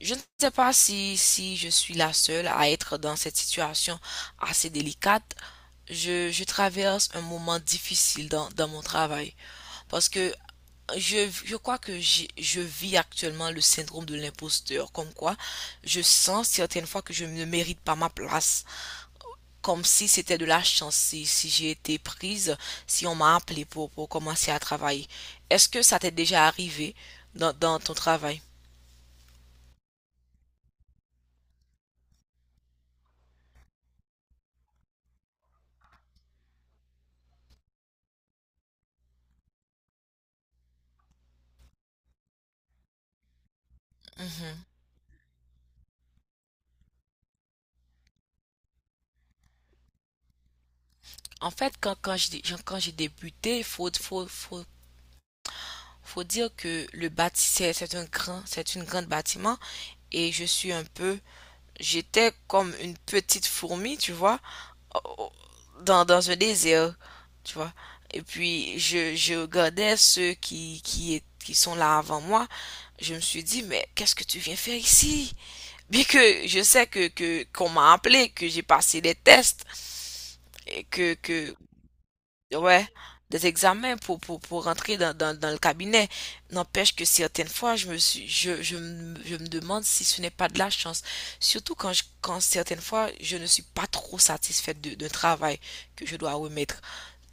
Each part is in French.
Je ne sais pas si je suis la seule à être dans cette situation assez délicate. Je traverse un moment difficile dans mon travail parce que je crois que je vis actuellement le syndrome de l'imposteur, comme quoi je sens certaines fois que je ne mérite pas ma place, comme si c'était de la chance, si j'ai été prise, si on m'a appelé pour commencer à travailler. Est-ce que ça t'est déjà arrivé dans ton travail? En fait, quand j'ai débuté, il faut, faut, faut, faut dire que le bâti, c'est une grande bâtiment et je suis un peu, j'étais comme une petite fourmi, tu vois, au- dans un désert, tu vois. Et puis, je regardais ceux qui sont là avant moi. Je me suis dit, mais qu'est-ce que tu viens faire ici? Bien que je sais qu'on m'a appelé, que j'ai passé des tests et que Ouais, des examens pour rentrer dans le cabinet. N'empêche que certaines fois, je me suis, je me demande si ce n'est pas de la chance. Surtout quand certaines fois, je ne suis pas trop satisfaite d'un travail que je dois remettre.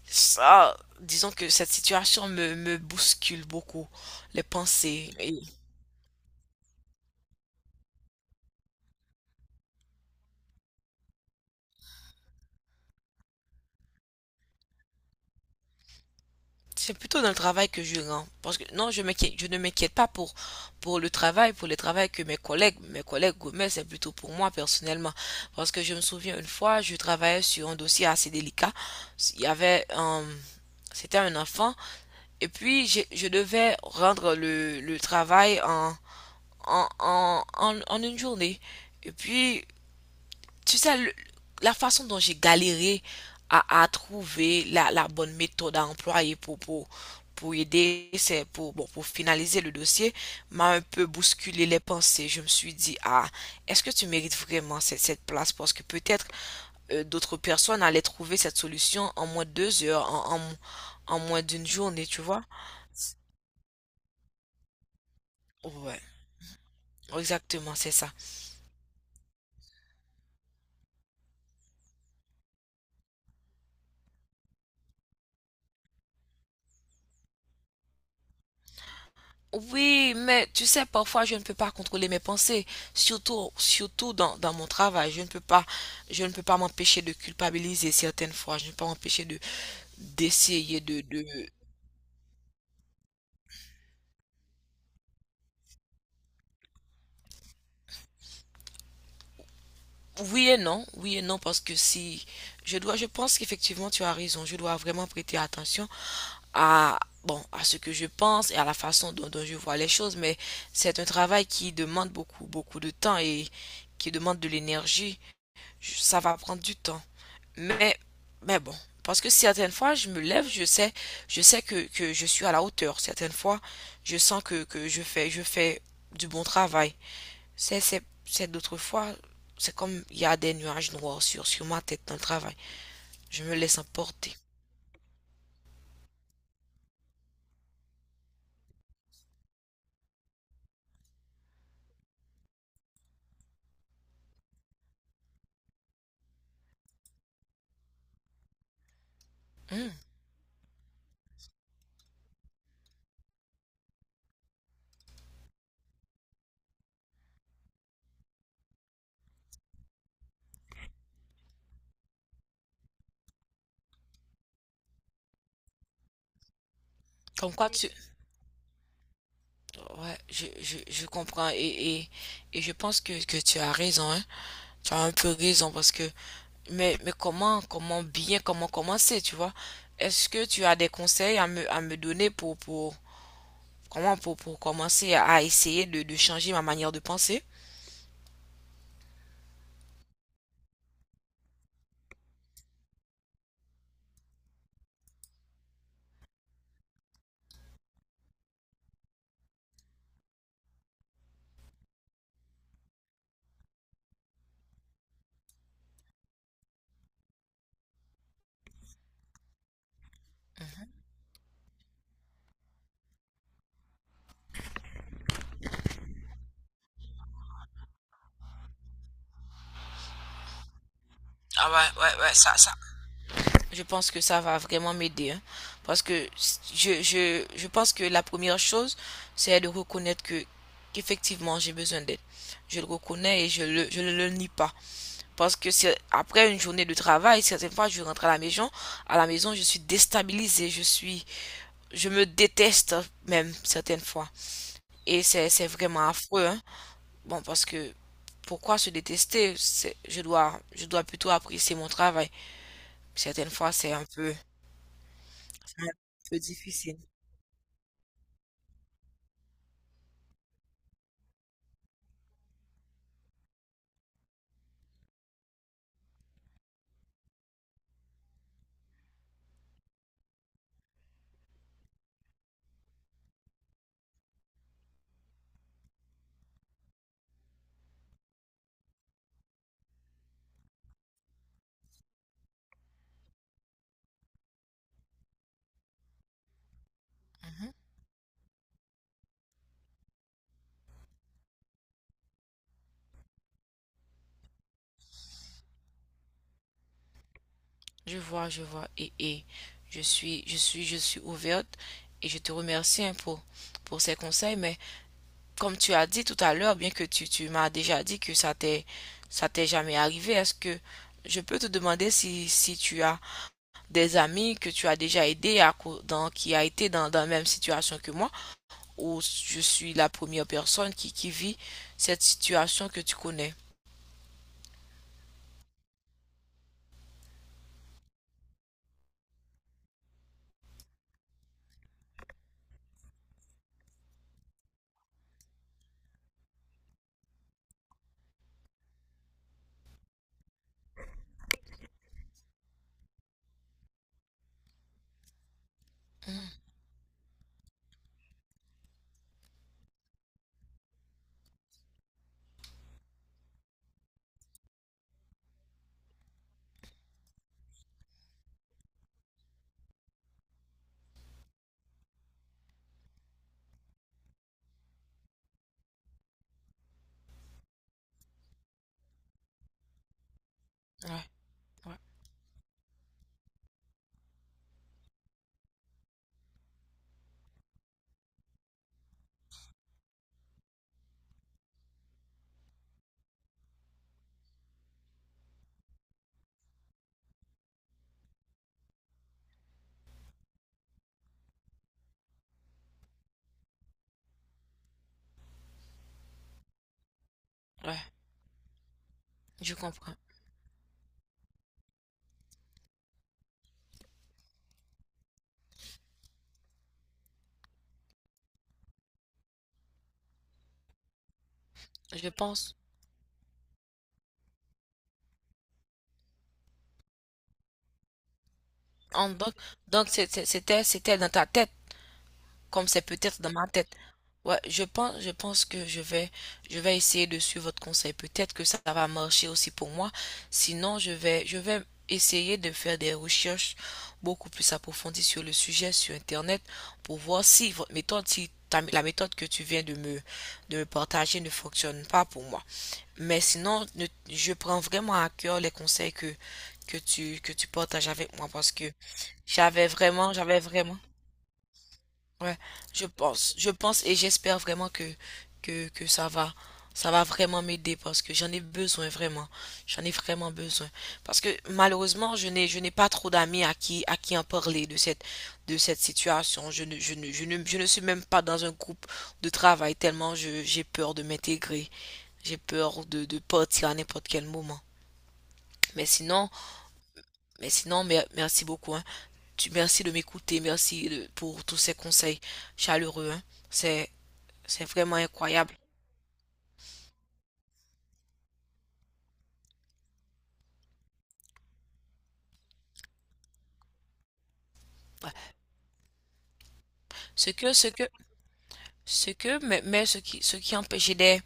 Ça, disons que cette situation me bouscule beaucoup les pensées. C'est plutôt dans le travail que je rends. Parce que non, je ne m'inquiète pas pour le travail, mes collègues gourmets, c'est plutôt pour moi personnellement. Parce que je me souviens une fois, je travaillais sur un dossier assez délicat. Il y avait un, C'était un enfant. Et puis, je devais rendre le travail en une journée. Et puis, tu sais, la façon dont j'ai galéré à trouver la bonne méthode à employer pour aider, c'est pour, bon, pour finaliser le dossier, m'a un peu bousculé les pensées. Je me suis dit, ah, est-ce que tu mérites vraiment cette place? Parce que peut-être d'autres personnes allaient trouver cette solution en moins de deux heures, en moins d'une journée, tu vois? Ouais, exactement, c'est ça. Oui, mais tu sais, parfois je ne peux pas contrôler mes pensées, surtout dans mon travail. Je ne peux pas m'empêcher de culpabiliser certaines fois. Je ne peux pas m'empêcher de d'essayer de... oui et non, parce que si je dois, je pense qu'effectivement tu as raison. Je dois vraiment prêter attention à bon à ce que je pense et à la façon dont je vois les choses. Mais c'est un travail qui demande beaucoup, beaucoup de temps et qui demande de l'énergie. Ça va prendre du temps. Mais, bon, parce que certaines fois, je me lève, je sais que je suis à la hauteur. Certaines fois, je sens que je fais du bon travail. C'est d'autres fois, c'est comme il y a des nuages noirs sur ma tête dans le travail. Je me laisse emporter. Hmm. Comme quoi tu... Ouais, je comprends et je pense que tu as raison, hein. Tu as un peu raison parce que... Mais, comment, comment bien, comment commencer, tu vois? Est-ce que tu as des conseils à me donner pour commencer à essayer de changer ma manière de penser? Ah, ouais, ouais, ouais, ça, ça. Je pense que ça va vraiment m'aider, hein. Parce que je pense que la première chose, c'est de reconnaître que qu'effectivement j'ai besoin d'aide. Je le reconnais et je ne le nie pas. Parce que c'est après une journée de travail, certaines fois je rentre à la maison. À la maison, je suis déstabilisée, je me déteste même certaines fois. Et c'est vraiment affreux, hein. Bon, parce que pourquoi se détester? Je dois plutôt apprécier mon travail. Certaines fois, c'est un peu difficile. Je vois, je vois. Et je suis ouverte et je te remercie, hein, pour ces conseils. Mais comme tu as dit tout à l'heure, bien que tu m'as déjà dit que ça t'est jamais arrivé, est-ce que je peux te demander si tu as des amis que tu as déjà aidé qui a été dans la même situation que moi, ou je suis la première personne qui vit cette situation que tu connais. Ouais, ouais, ouais, je comprends. Je pense. En- donc, donc c'était, dans ta tête. Comme c'est peut-être dans ma tête. Ouais, je pense que je vais essayer de suivre votre conseil. Peut-être que ça va marcher aussi pour moi. Sinon, je vais essayer de faire des recherches beaucoup plus approfondies sur le sujet sur Internet pour voir si votre méthode, si ta- la méthode que tu viens de me partager ne fonctionne pas pour moi. Mais sinon, je prends vraiment à cœur les conseils que tu partages avec moi parce que j'avais vraiment... Ouais, je pense et j'espère vraiment que ça va vraiment m'aider parce que j'en ai vraiment besoin, parce que malheureusement je n'ai pas trop d'amis à qui en parler de cette situation. Je ne suis même pas dans un groupe de travail tellement j'ai peur de m'intégrer, j'ai peur de partir à n'importe quel moment. Mais sinon, mais sinon, merci beaucoup, hein. Merci de m'écouter, merci pour tous ces conseils chaleureux, hein. C'est, c'est vraiment incroyable. Ouais. Ce que, ce que, ce qui empêchait des,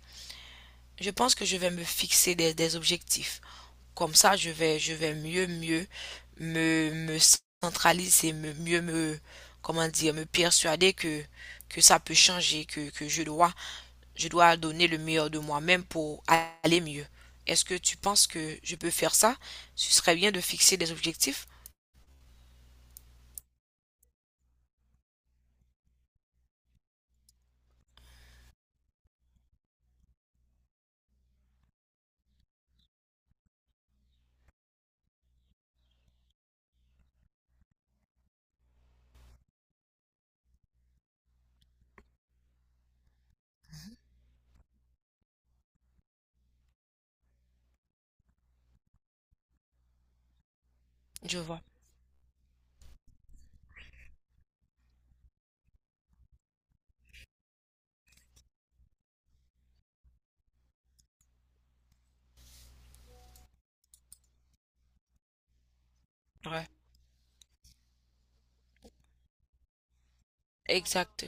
je pense que je vais me fixer des objectifs. Comme ça, je vais mieux me centraliser, comment dire, me persuader que ça peut changer, que je dois donner le meilleur de moi-même pour aller mieux. Est-ce que tu penses que je peux faire ça? Ce serait bien de fixer des objectifs? Je vois. Ouais. Exact.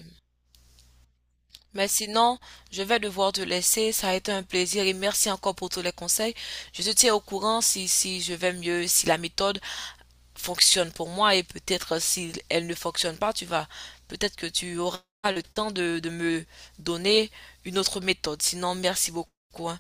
Mais sinon, je vais devoir te laisser. Ça a été un plaisir et merci encore pour tous les conseils. Je te tiens au courant si je vais mieux, si la méthode fonctionne pour moi, et peut-être si elle ne fonctionne pas, peut-être que tu auras le temps de me donner une autre méthode. Sinon, merci beaucoup, hein.